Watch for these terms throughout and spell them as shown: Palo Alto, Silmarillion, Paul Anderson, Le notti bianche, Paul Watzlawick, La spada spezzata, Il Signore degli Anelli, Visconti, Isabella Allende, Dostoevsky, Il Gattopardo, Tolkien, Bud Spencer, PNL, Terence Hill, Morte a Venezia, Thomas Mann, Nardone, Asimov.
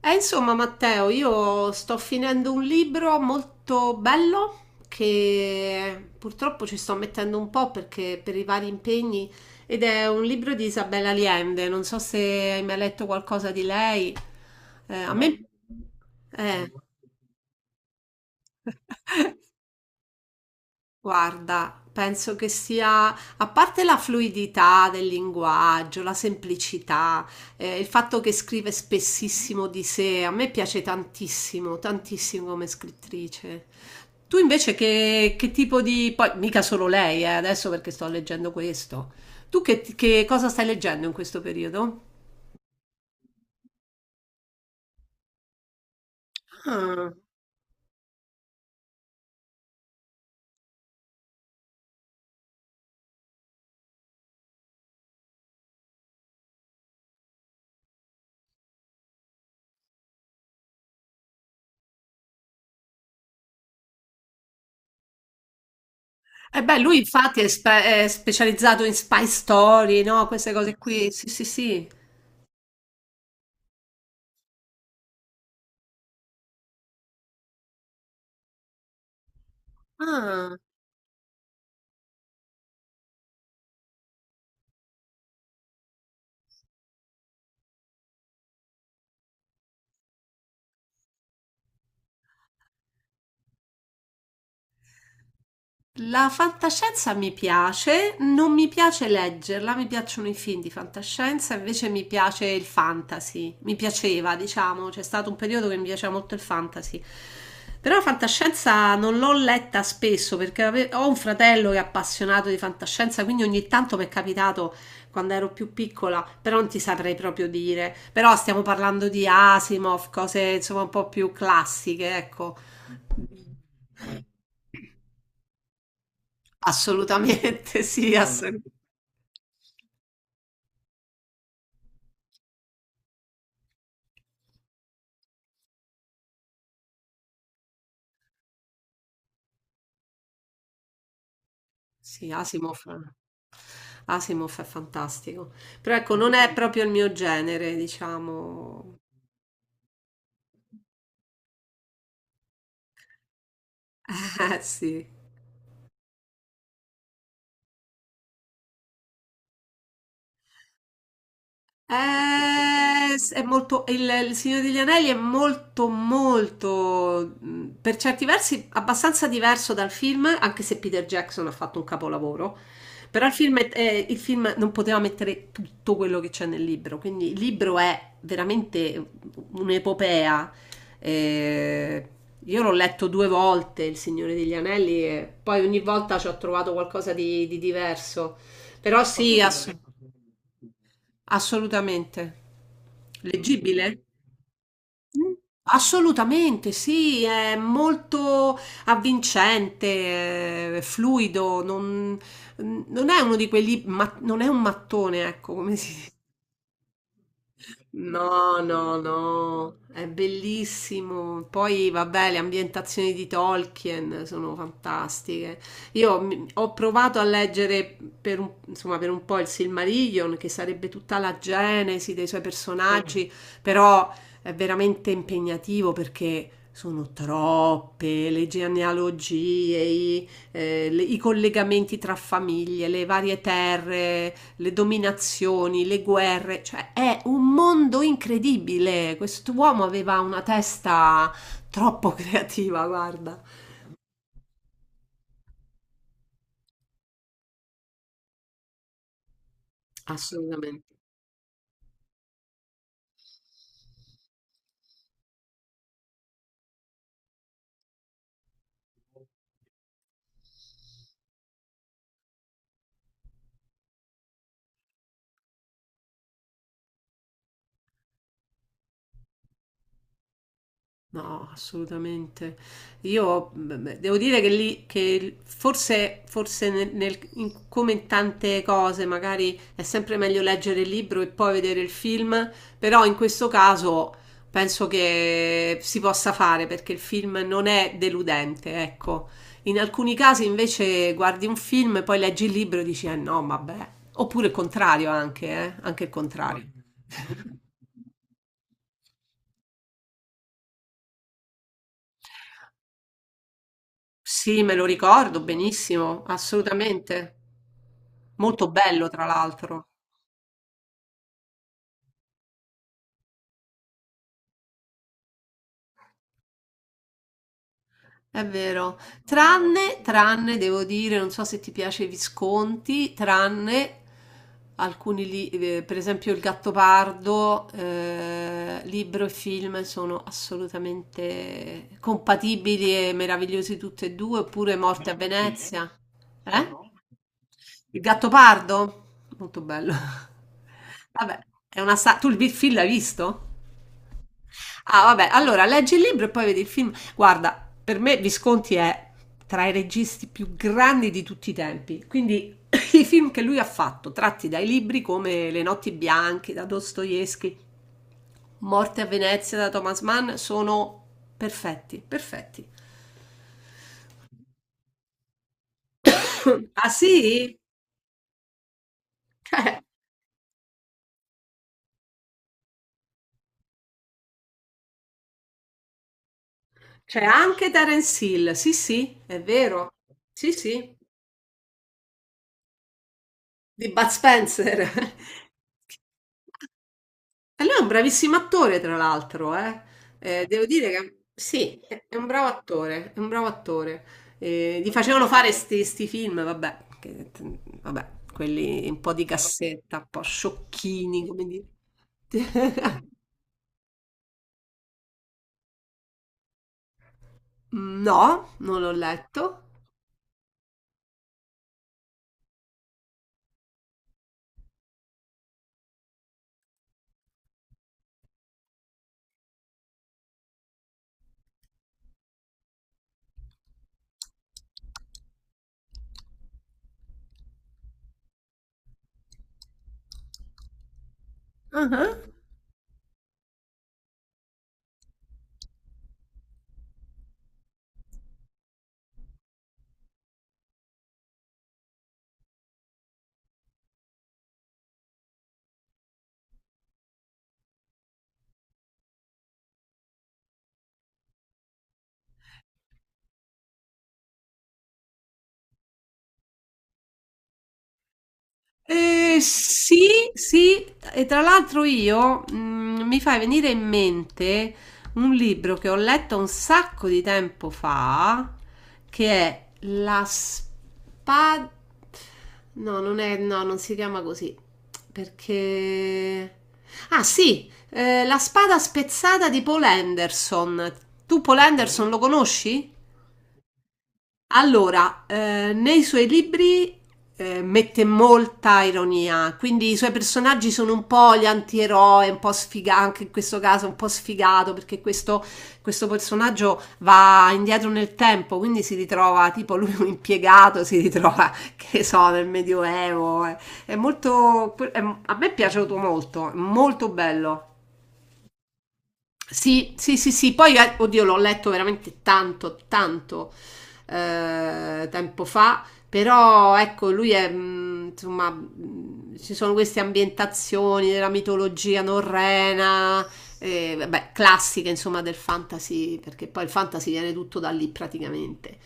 E insomma, Matteo, io sto finendo un libro molto bello che purtroppo ci sto mettendo un po' perché per i vari impegni ed è un libro di Isabella Allende. Non so se hai mai letto qualcosa di lei. A No, me eh, no. Guarda, penso che sia, a parte la fluidità del linguaggio, la semplicità, il fatto che scrive spessissimo di sé, a me piace tantissimo, tantissimo come scrittrice. Tu invece che tipo di... poi mica solo lei, adesso perché sto leggendo questo. Tu che cosa stai leggendo in questo periodo? Ah. Eh beh, lui infatti è, è specializzato in spy story, no? Queste cose qui. Sì, sì, sì. Ah. La fantascienza mi piace, non mi piace leggerla, mi piacciono i film di fantascienza, invece mi piace il fantasy, mi piaceva, diciamo, c'è stato un periodo che mi piaceva molto il fantasy. Però la fantascienza non l'ho letta spesso perché ho un fratello che è appassionato di fantascienza, quindi ogni tanto mi è capitato quando ero più piccola, però non ti saprei proprio dire. Però stiamo parlando di Asimov, cose insomma un po' più classiche, ecco. Assolutamente sì, assolutamente. Sì, Asimov Asimov è fantastico. Però ecco, non è proprio il mio genere, diciamo. Eh sì. È molto, il Signore degli Anelli è molto, molto, per certi versi, abbastanza diverso dal film, anche se Peter Jackson ha fatto un capolavoro. Però il film, il film non poteva mettere tutto quello che c'è nel libro, quindi il libro è veramente un'epopea. Eh, io l'ho letto due volte, Il Signore degli Anelli, e poi ogni volta ci ho trovato qualcosa di diverso. Però sì, assolutamente. Assolutamente. Leggibile? Mh. Assolutamente sì, è molto avvincente, è fluido, non è uno di quelli, non è un mattone, ecco, come si No, no, no, è bellissimo. Poi, vabbè, le ambientazioni di Tolkien sono fantastiche. Io ho provato a leggere per un, insomma, per un po' il Silmarillion, che sarebbe tutta la genesi dei suoi Sì. personaggi, però è veramente impegnativo perché sono troppe le genealogie, i collegamenti tra famiglie, le varie terre, le dominazioni, le guerre, cioè è un mondo incredibile. Quest'uomo aveva una testa troppo creativa, guarda. Assolutamente. No, assolutamente. Io devo dire che lì, che forse come in tante cose, magari è sempre meglio leggere il libro e poi vedere il film, però in questo caso penso che si possa fare perché il film non è deludente, ecco. In alcuni casi invece guardi un film, poi leggi il libro e dici, eh no, vabbè. Oppure il contrario anche, anche il contrario. Sì, me lo ricordo benissimo, assolutamente. Molto bello, tra l'altro. È vero. Tranne, tranne, devo dire, non so se ti piace i Visconti, tranne alcuni libri, per esempio Il Gattopardo, libro e film sono assolutamente compatibili e meravigliosi tutti e due, oppure Morte a Venezia. Eh? Il Gattopardo? Molto bello. Vabbè, è una tu il film l'hai visto? Ah, vabbè, allora leggi il libro e poi vedi il film. Guarda, per me Visconti è tra i registi più grandi di tutti i tempi. Quindi i film che lui ha fatto, tratti dai libri come Le notti bianche da Dostoevsky, Morte a Venezia da Thomas Mann, sono perfetti, perfetti. Ah sì? C'è anche Terence Hill, sì sì, è vero, sì sì, di Bud Spencer. E lui è un bravissimo attore, tra l'altro, eh. Devo dire che sì, è un bravo attore, è un bravo attore. Gli facevano fare sti film, vabbè, quelli un po' di cassetta, un po' sciocchini, come dire. No, non l'ho letto. Ah ah. Eh, sì, sì, e tra l'altro io mi fai venire in mente un libro che ho letto un sacco di tempo fa, che è La spada... No, non è, no, non si chiama così, perché... Ah sì, La spada spezzata di Paul Anderson. Tu Paul Anderson lo conosci? Allora, nei suoi libri mette molta ironia, quindi i suoi personaggi sono un po' gli antieroi, un po' sfigato, anche in questo caso un po' sfigato, perché questo personaggio va indietro nel tempo, quindi si ritrova, tipo lui un impiegato, si ritrova, che so, nel Medioevo. È molto, è- a me è piaciuto molto, è molto bello. Sì, sì, sì, sì, poi oddio l'ho letto veramente tanto, tanto tempo fa, però ecco, lui è, insomma, ci sono queste ambientazioni della mitologia norrena, vabbè, classiche insomma del fantasy, perché poi il fantasy viene tutto da lì praticamente.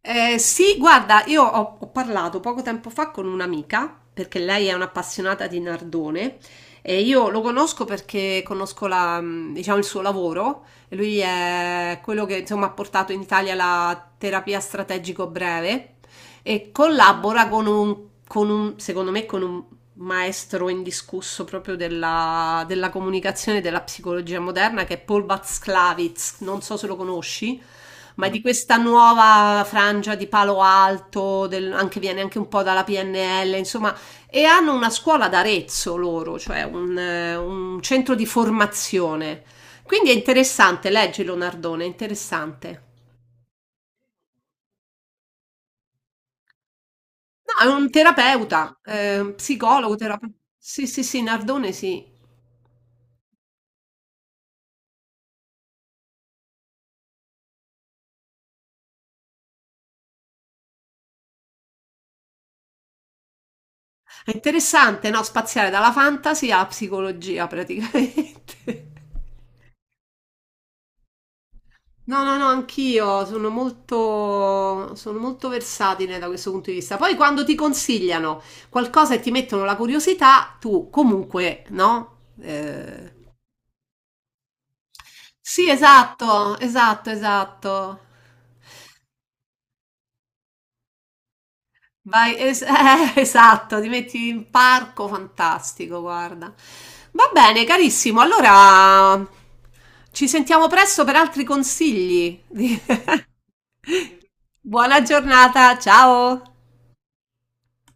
Sì, guarda, ho parlato poco tempo fa con un'amica, perché lei è un'appassionata di Nardone e io lo conosco perché conosco diciamo, il suo lavoro. E lui è quello che insomma ha portato in Italia la terapia strategico breve e collabora con secondo me, con un maestro indiscusso proprio della comunicazione e della psicologia moderna, che è Paul Watzlawick, non so se lo conosci, ma è di questa nuova frangia di Palo Alto, anche, viene anche un po' dalla PNL, insomma, e hanno una scuola ad Arezzo loro, cioè un centro di formazione. Quindi è interessante, leggilo Nardone, è interessante. No, è un terapeuta, psicologo, terapeuta. Sì, sì, sì, Nardone sì. È interessante, no? Spaziare dalla fantasy alla psicologia praticamente. No, no, no, anch'io sono molto versatile da questo punto di vista. Poi quando ti consigliano qualcosa e ti mettono la curiosità, tu comunque, no? Sì, esatto, esatto, esatto. Vai, esatto, ti metti in parco fantastico, guarda. Va bene, carissimo, allora ci sentiamo presto per altri consigli. Buona giornata, ciao!